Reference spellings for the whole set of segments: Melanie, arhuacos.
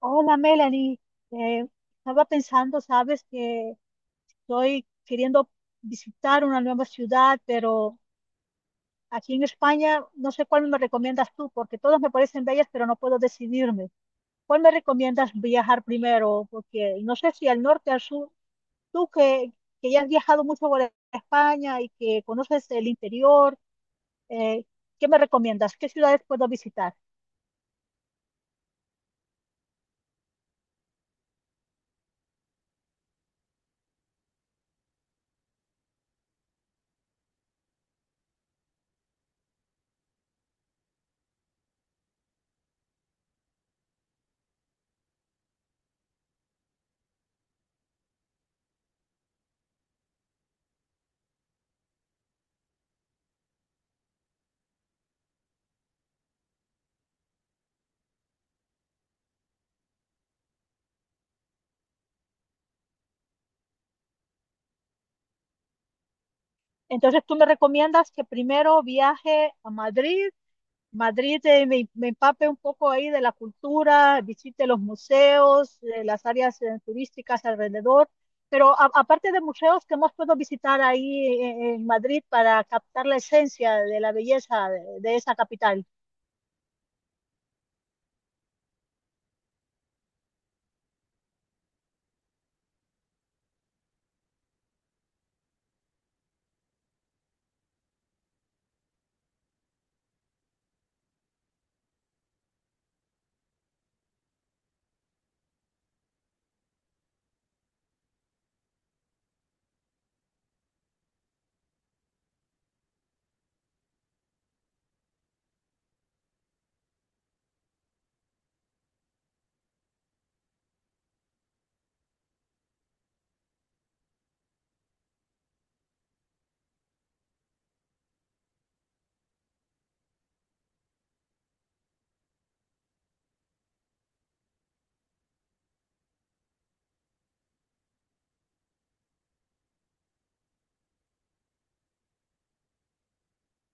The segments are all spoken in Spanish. Hola Melanie, Eh, estaba pensando, sabes, que estoy queriendo visitar una nueva ciudad, pero aquí en España no sé cuál me recomiendas tú, porque todas me parecen bellas, pero no puedo decidirme. ¿Cuál me recomiendas viajar primero? Porque no sé si al norte, al sur, tú que, que ya has viajado mucho por España y que conoces el interior, eh, ¿qué me recomiendas? ¿Qué ciudades puedo visitar? Entonces, tú me recomiendas que primero viaje a Madrid, me empape un poco ahí de la cultura, visite los museos, las áreas turísticas alrededor, pero aparte de museos, ¿qué más puedo visitar ahí en Madrid para captar la esencia de la belleza de esa capital?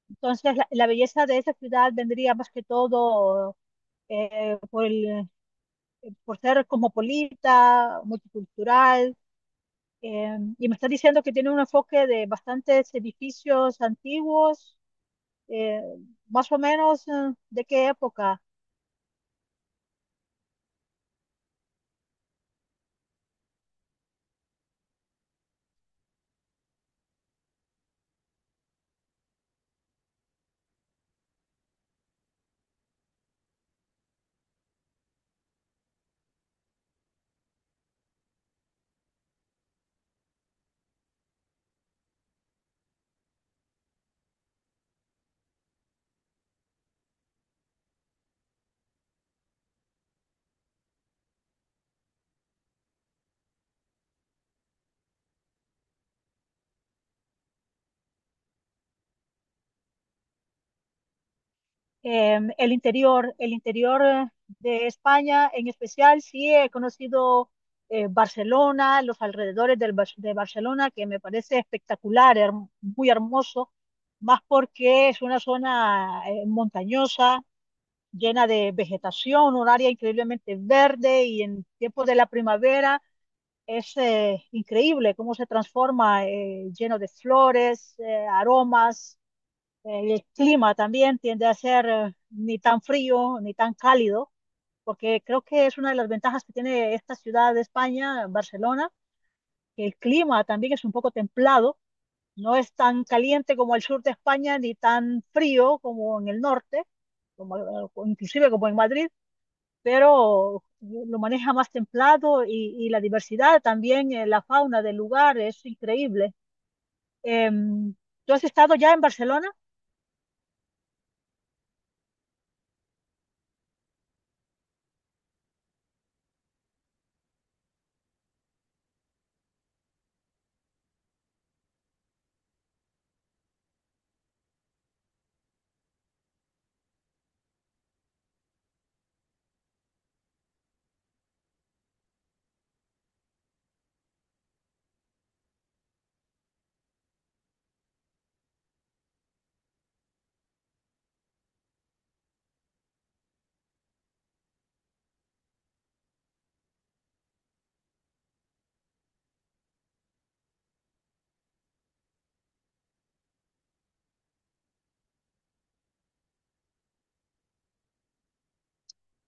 Entonces, la belleza de esa ciudad vendría más que todo eh, por el- por ser cosmopolita, multicultural. Y me está diciendo que tiene un enfoque de bastantes edificios antiguos, eh, más o menos, ¿de qué época? El el interior de España en especial, sí he conocido Barcelona, los alrededores de Barcelona, que me parece espectacular, muy hermoso, más porque es una zona montañosa, llena de vegetación, un área increíblemente verde y en tiempos de la primavera. Es increíble cómo se transforma, lleno de flores, aromas, el clima también tiende a ser ni tan frío ni tan cálido, porque creo que es una de las ventajas que tiene esta ciudad de España, Barcelona, que el clima también es un poco templado, no es tan caliente como el sur de España ni tan frío como en el norte, o inclusive como en Madrid, pero lo maneja más templado y la diversidad también, la fauna del lugar es increíble. Em, ¿Tú has estado ya en Barcelona?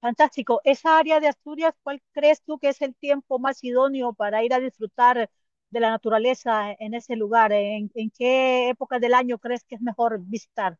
Fantástico. Esa área de Asturias, ¿cuál crees tú que es el tiempo más idóneo para ir a disfrutar de la naturaleza en ese lugar? En qué época del año crees que es mejor visitar?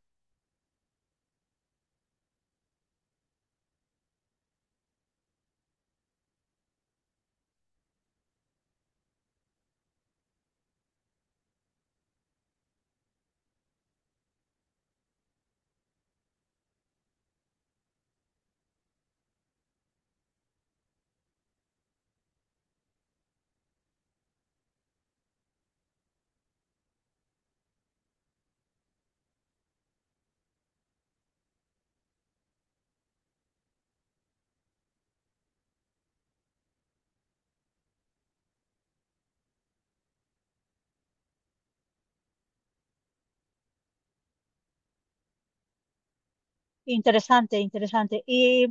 Interesante, interesante. Y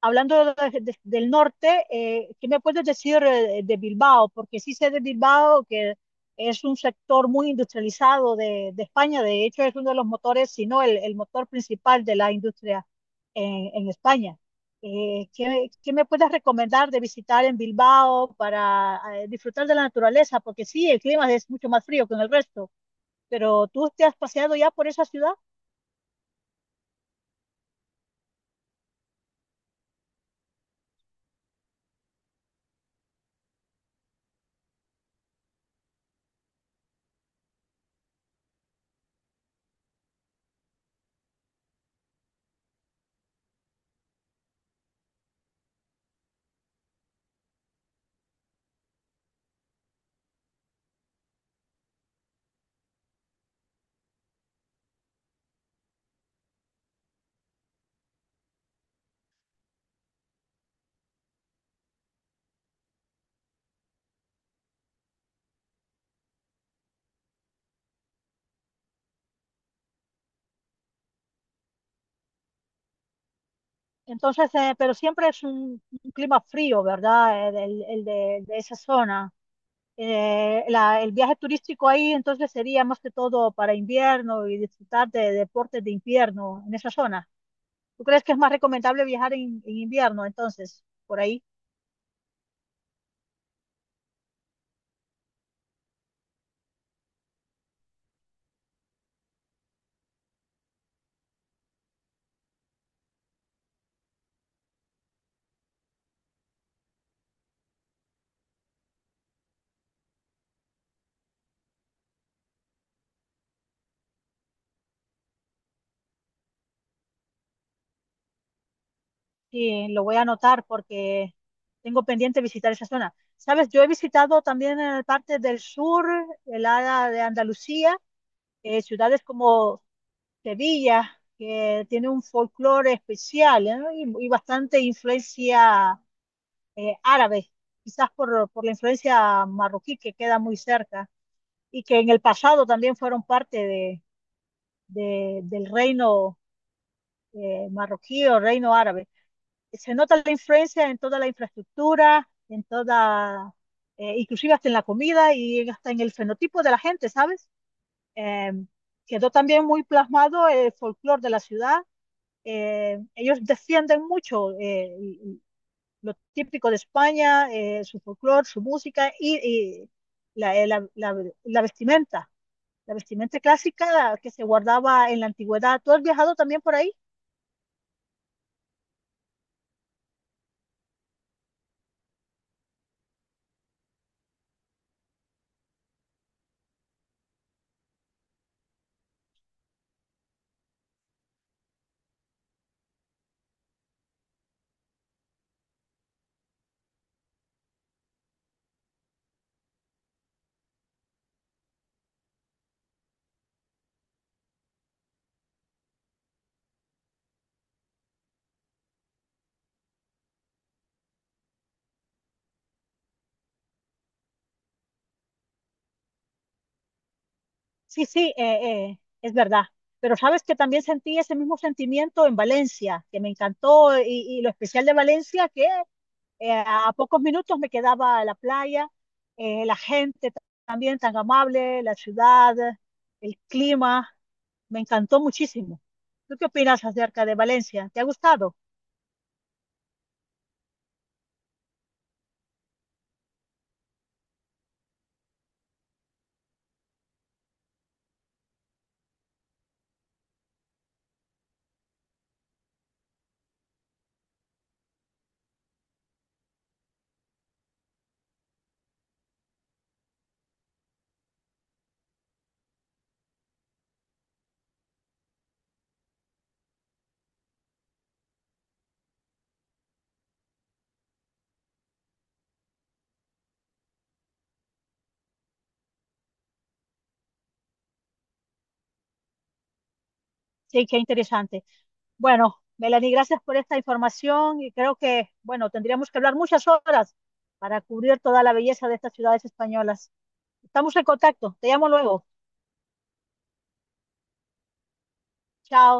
del norte, ¿qué me puedes decir de Bilbao? Porque sí sé de Bilbao que es un sector muy industrializado de España. De hecho, es uno de los motores, si no el motor principal de la industria en España. ¿Qué me puedes recomendar de visitar en Bilbao para disfrutar de la naturaleza? Porque sí, el clima es mucho más frío que en el resto, pero ¿tú te has paseado ya por esa ciudad? Entonces, pero siempre es un clima frío, ¿verdad? El de esa zona. El viaje turístico ahí entonces sería más que todo para invierno y disfrutar de deportes de invierno en esa zona. ¿Tú crees que es más recomendable viajar en invierno entonces? Por ahí sí, lo voy a anotar porque tengo pendiente visitar esa zona. Sabes, yo he visitado también en parte del sur, el área de Andalucía, ciudades como Sevilla, que tiene un folclore especial, ¿no? Y, y bastante influencia árabe, quizás por la influencia marroquí que queda muy cerca, y que en el pasado también fueron parte del reino marroquí o reino árabe. Se nota la influencia en toda la infraestructura, en toda, inclusive hasta en la comida y hasta en el fenotipo de la gente, ¿sabes? Em, Quedó también muy plasmado el folclore de la ciudad. Ellos defienden mucho lo típico de España, su folclore, su música y, y la, eh, la- la- la vestimenta, la vestimenta clásica la que se guardaba en la antigüedad. ¿Tú has viajado también por ahí? Sí, sí, es verdad. Pero sabes que también sentí ese mismo sentimiento en Valencia, que me encantó y lo especial de Valencia, que a pocos minutos me quedaba la playa, eh, la gente ta- también tan amable, la ciudad, el clima, me encantó muchísimo. ¿Tú qué opinas acerca de Valencia? ¿Te ha gustado? Sí, qué interesante. Bueno, Melanie, gracias por esta información y creo que, bueno, tendríamos que hablar muchas horas para cubrir toda la belleza de estas ciudades españolas. Estamos en contacto, te llamo luego. Chao.